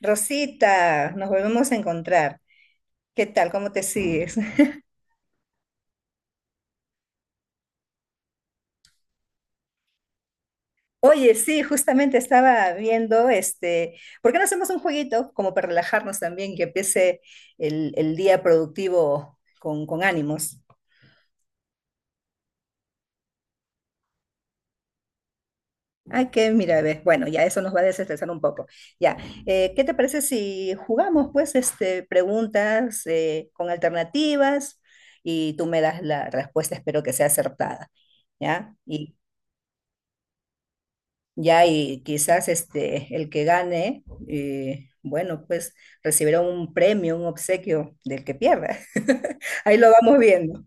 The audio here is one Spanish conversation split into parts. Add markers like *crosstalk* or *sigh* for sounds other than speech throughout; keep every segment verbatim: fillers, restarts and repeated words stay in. Rosita, nos volvemos a encontrar. ¿Qué tal? ¿Cómo te sigues? *laughs* Oye, sí, justamente estaba viendo este, ¿por qué no hacemos un jueguito como para relajarnos también, que empiece el, el día productivo con, con ánimos? Ay, que mira, ves, bueno, ya eso nos va a desestresar un poco. Ya, eh, ¿qué te parece si jugamos pues este, preguntas eh, con alternativas y tú me das la respuesta, espero que sea acertada, ¿ya? Ya, y quizás este, el que gane, eh, bueno, pues recibirá un premio, un obsequio del que pierda. *laughs* Ahí lo vamos viendo,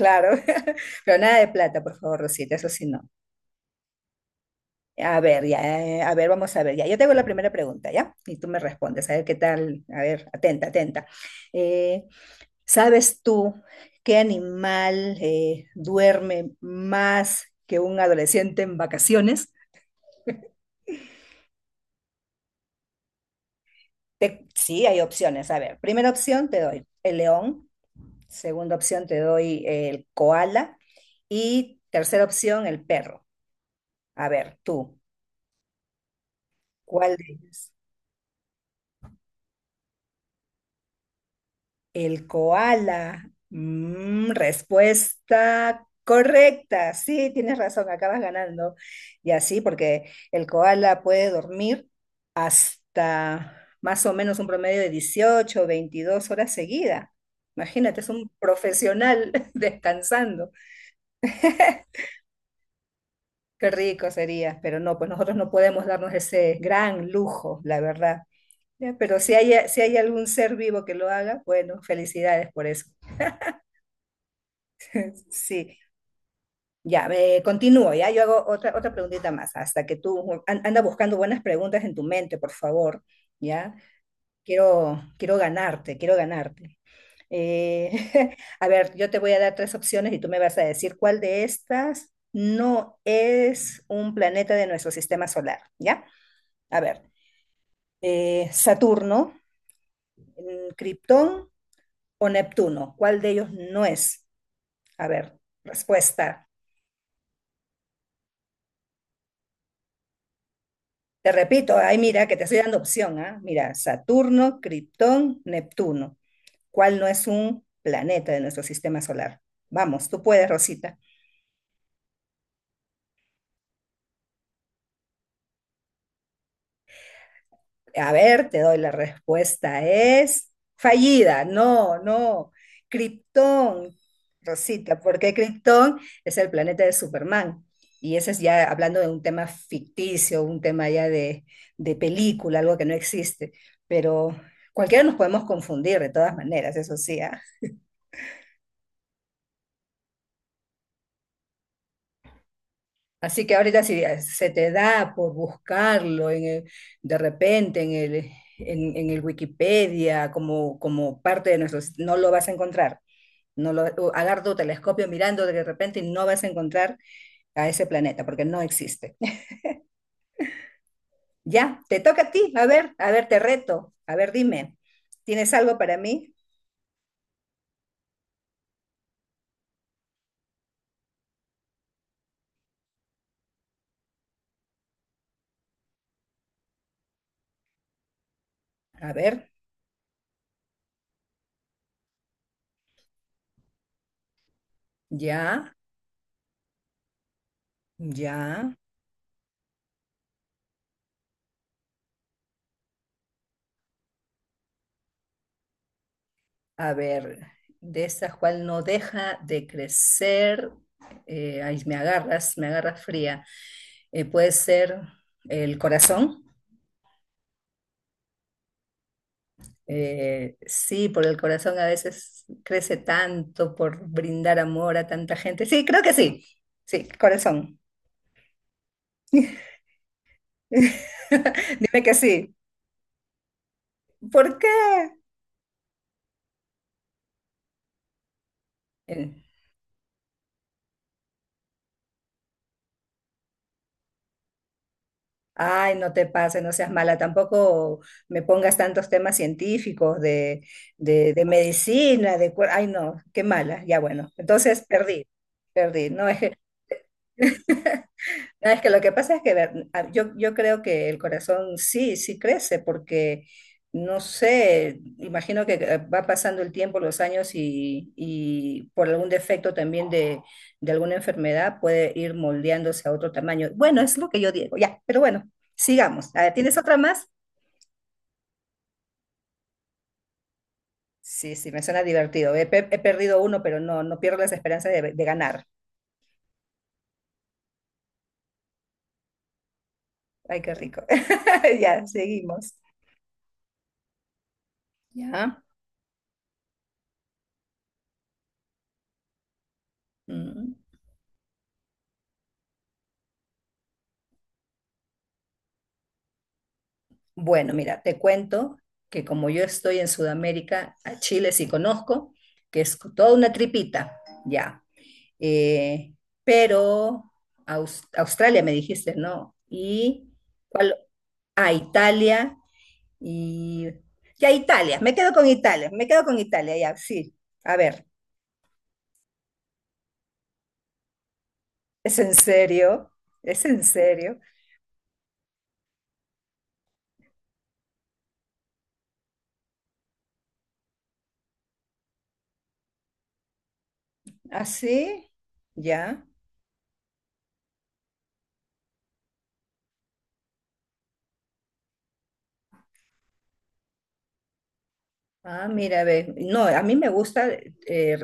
claro. *laughs* Pero nada de plata, por favor, Rosita, eso sí no. A ver, ya, eh, a ver, vamos a ver, ya. Yo tengo la primera pregunta, ¿ya? Y tú me respondes, a ver qué tal, a ver, atenta, atenta. Eh, ¿sabes tú qué animal eh, duerme más que un adolescente en vacaciones? Te- sí, hay opciones. A ver, primera opción te doy el león, segunda opción te doy el koala y tercera opción el perro. A ver, tú, ¿cuál de ellos? El koala. Mm, respuesta correcta. Sí, tienes razón, acabas ganando. Y así, porque el koala puede dormir hasta más o menos un promedio de dieciocho o veintidós horas seguidas. Imagínate, es un profesional *laughs* descansando. Qué rico sería, pero no, pues nosotros no podemos darnos ese gran lujo, la verdad. Ya, pero si hay, si hay algún ser vivo que lo haga, bueno, felicidades por eso. Sí, ya, me continúo. Ya, yo hago otra, otra preguntita más, hasta que tú an- anda buscando buenas preguntas en tu mente, por favor, ya. Quiero, quiero ganarte, quiero ganarte. Eh, *laughs* a ver, yo te voy a dar tres opciones y tú me vas a decir cuál de estas no es un planeta de nuestro sistema solar, ¿ya? A ver, eh, Saturno, Krypton o Neptuno. ¿Cuál de ellos no es? A ver, respuesta. Te repito, ay, mira, que te estoy dando opción, ¿ah? Mira, Saturno, Krypton, Neptuno. ¿Cuál no es un planeta de nuestro sistema solar? Vamos, tú puedes, Rosita. A ver, te doy la respuesta. Es fallida. No, no. Krypton, Rosita, porque Krypton es el planeta de Superman. Y ese es ya hablando de un tema ficticio, un tema ya de, de película, algo que no existe. Pero cualquiera nos podemos confundir de todas maneras, eso sí, ¿ah? Así que ahorita si se te da por buscarlo en el- de repente en el, en, en el Wikipedia como, como parte de nuestros, no lo vas a encontrar. No lo, Agarra tu telescopio mirando de repente y no vas a encontrar a ese planeta porque no existe. *laughs* Ya, te toca a ti. A ver, a ver, te reto. A ver, dime, ¿tienes algo para mí? A ver, ya, ya. A ver, de esa cual no deja de crecer. Eh, ahí me agarras, me agarras fría. Eh, puede ser el corazón. Eh, sí, por el corazón a veces crece tanto por brindar amor a tanta gente. Sí, creo que sí. Sí, corazón. *laughs* Dime que sí. ¿Por qué? Eh, Ay, no te pases, no seas mala. Tampoco me pongas tantos temas científicos de, de, de medicina, de... cuer- ay, no, qué mala. Ya bueno, entonces perdí, perdí. No es que... *laughs* Ah, es que lo que pasa es que ver, a- yo, yo creo que el corazón sí, sí crece, porque no sé, imagino que eh, va pasando el tiempo, los años y, y por algún defecto también de, de alguna enfermedad puede ir moldeándose a otro tamaño. Bueno, es lo que yo digo, ya, pero bueno, sigamos. A ver, ¿tienes otra más? Sí, sí, me suena divertido. He, pe- he perdido uno, pero no, no pierdo las esperanzas de, de ganar. Ay, qué rico. *laughs* Ya, seguimos. Ya. Mm. Bueno, mira, te cuento que como yo estoy en Sudamérica, a Chile sí conozco, que es toda una tripita, ya. Eh, pero Aus- Australia me dijiste, ¿no? Y ¿cuál? Ah, Italia y ya Italia, me quedo con Italia, me quedo con Italia, ya, sí. A ver, ¿es en serio? ¿Es en serio? ¿Así? ¿Ya? Ah, mira, ve, no, a mí me gusta eh,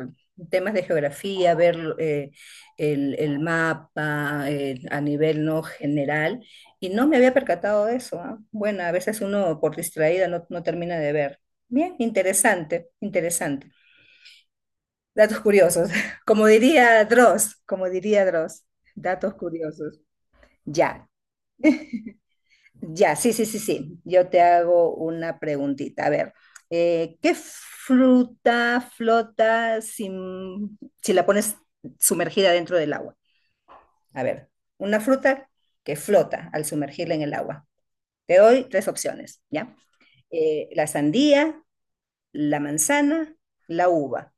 temas de geografía, ver eh, el, el mapa eh, a nivel no general, y no me había percatado de eso, ah. Bueno, a veces uno por distraída no, no termina de ver. Bien, interesante, interesante. Datos curiosos, *laughs* como diría Dross, como diría Dross, datos curiosos. Ya. Ya, sí, sí, sí, sí. Yo te hago una preguntita. A ver, eh, ¿qué fruta flota sin- si la pones sumergida dentro del agua? A ver, una fruta que flota al sumergirla en el agua. Te doy tres opciones, ¿ya? Eh, la sandía, la manzana, la uva.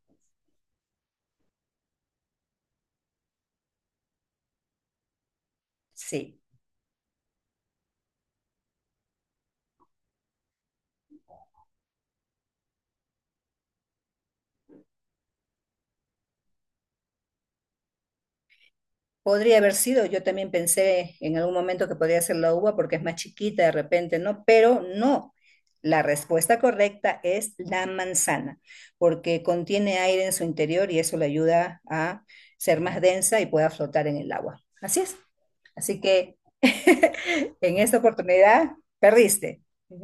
Sí. Podría haber sido, yo también pensé en algún momento que podría ser la uva porque es más chiquita de repente, ¿no? Pero no, la respuesta correcta es la manzana, porque contiene aire en su interior y eso le ayuda a ser más densa y pueda flotar en el agua. Así es. Así que *laughs* en esta oportunidad perdiste. *laughs*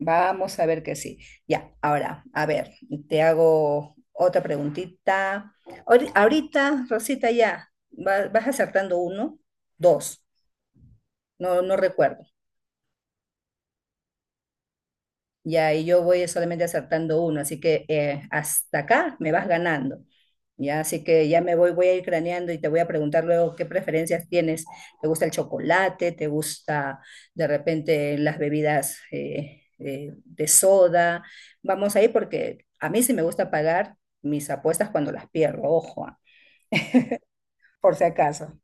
Vamos a ver que sí. Ya, ahora, a ver, te hago otra preguntita. Ahori- Ahorita, Rosita, ya, va- vas acertando uno, dos, no, no recuerdo. Y ahí yo voy solamente acertando uno, así que eh, hasta acá me vas ganando. Ya, así que ya me voy, voy a ir craneando y te voy a preguntar luego qué preferencias tienes. ¿Te gusta el chocolate? ¿Te gusta de repente las bebidas eh, eh, de soda? Vamos ahí porque a mí sí me gusta pagar mis apuestas cuando las pierdo, ojo, ah, por si acaso.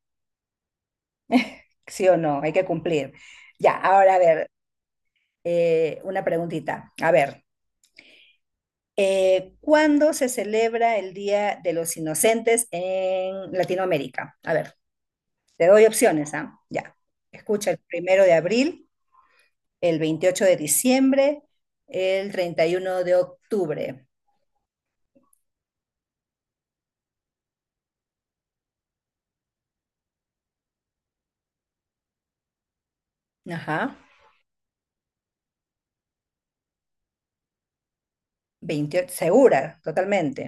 Sí o no, hay que cumplir. Ya, ahora a ver, eh, una preguntita. A ver, Eh, ¿cuándo se celebra el Día de los Inocentes en Latinoamérica? A ver, te doy opciones, ¿ah? Ya. Escucha el primero de abril, el veintiocho de diciembre, el treinta y uno de octubre. Ajá. Veintiocho, segura, totalmente.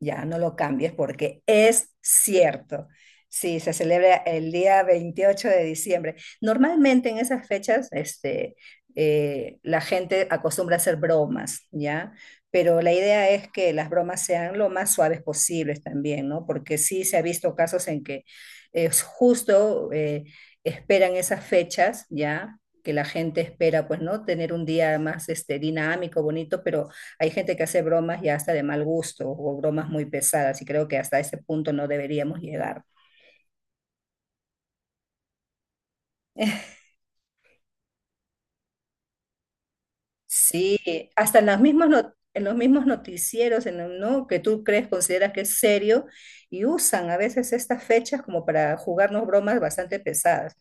Ya, no lo cambies porque es cierto. Sí, se celebra el día veintiocho de diciembre. Normalmente en esas fechas, este, eh, la gente acostumbra a hacer bromas, ¿ya? Pero la idea es que las bromas sean lo más suaves posibles también, ¿no? Porque sí se ha visto casos en que es justo eh, esperan esas fechas, ¿ya? Que la gente espera, pues, ¿no? Tener un día más este, dinámico, bonito, pero hay gente que hace bromas ya hasta de mal gusto o bromas muy pesadas y creo que hasta ese punto no deberíamos llegar. *laughs* Sí, hasta en las mismas no- en los mismos noticieros, en el- ¿no? Que tú crees, consideras que es serio, y usan a veces estas fechas como para jugarnos bromas bastante pesadas.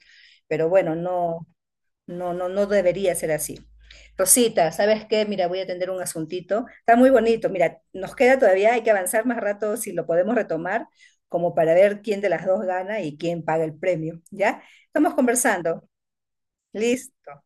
Pero bueno, no. No, no, no debería ser así. Rosita, ¿sabes qué? Mira, voy a atender un asuntito. Está muy bonito. Mira, nos queda todavía, hay que avanzar más rato si lo podemos retomar, como para ver quién de las dos gana y quién paga el premio. ¿Ya? Estamos conversando. Listo.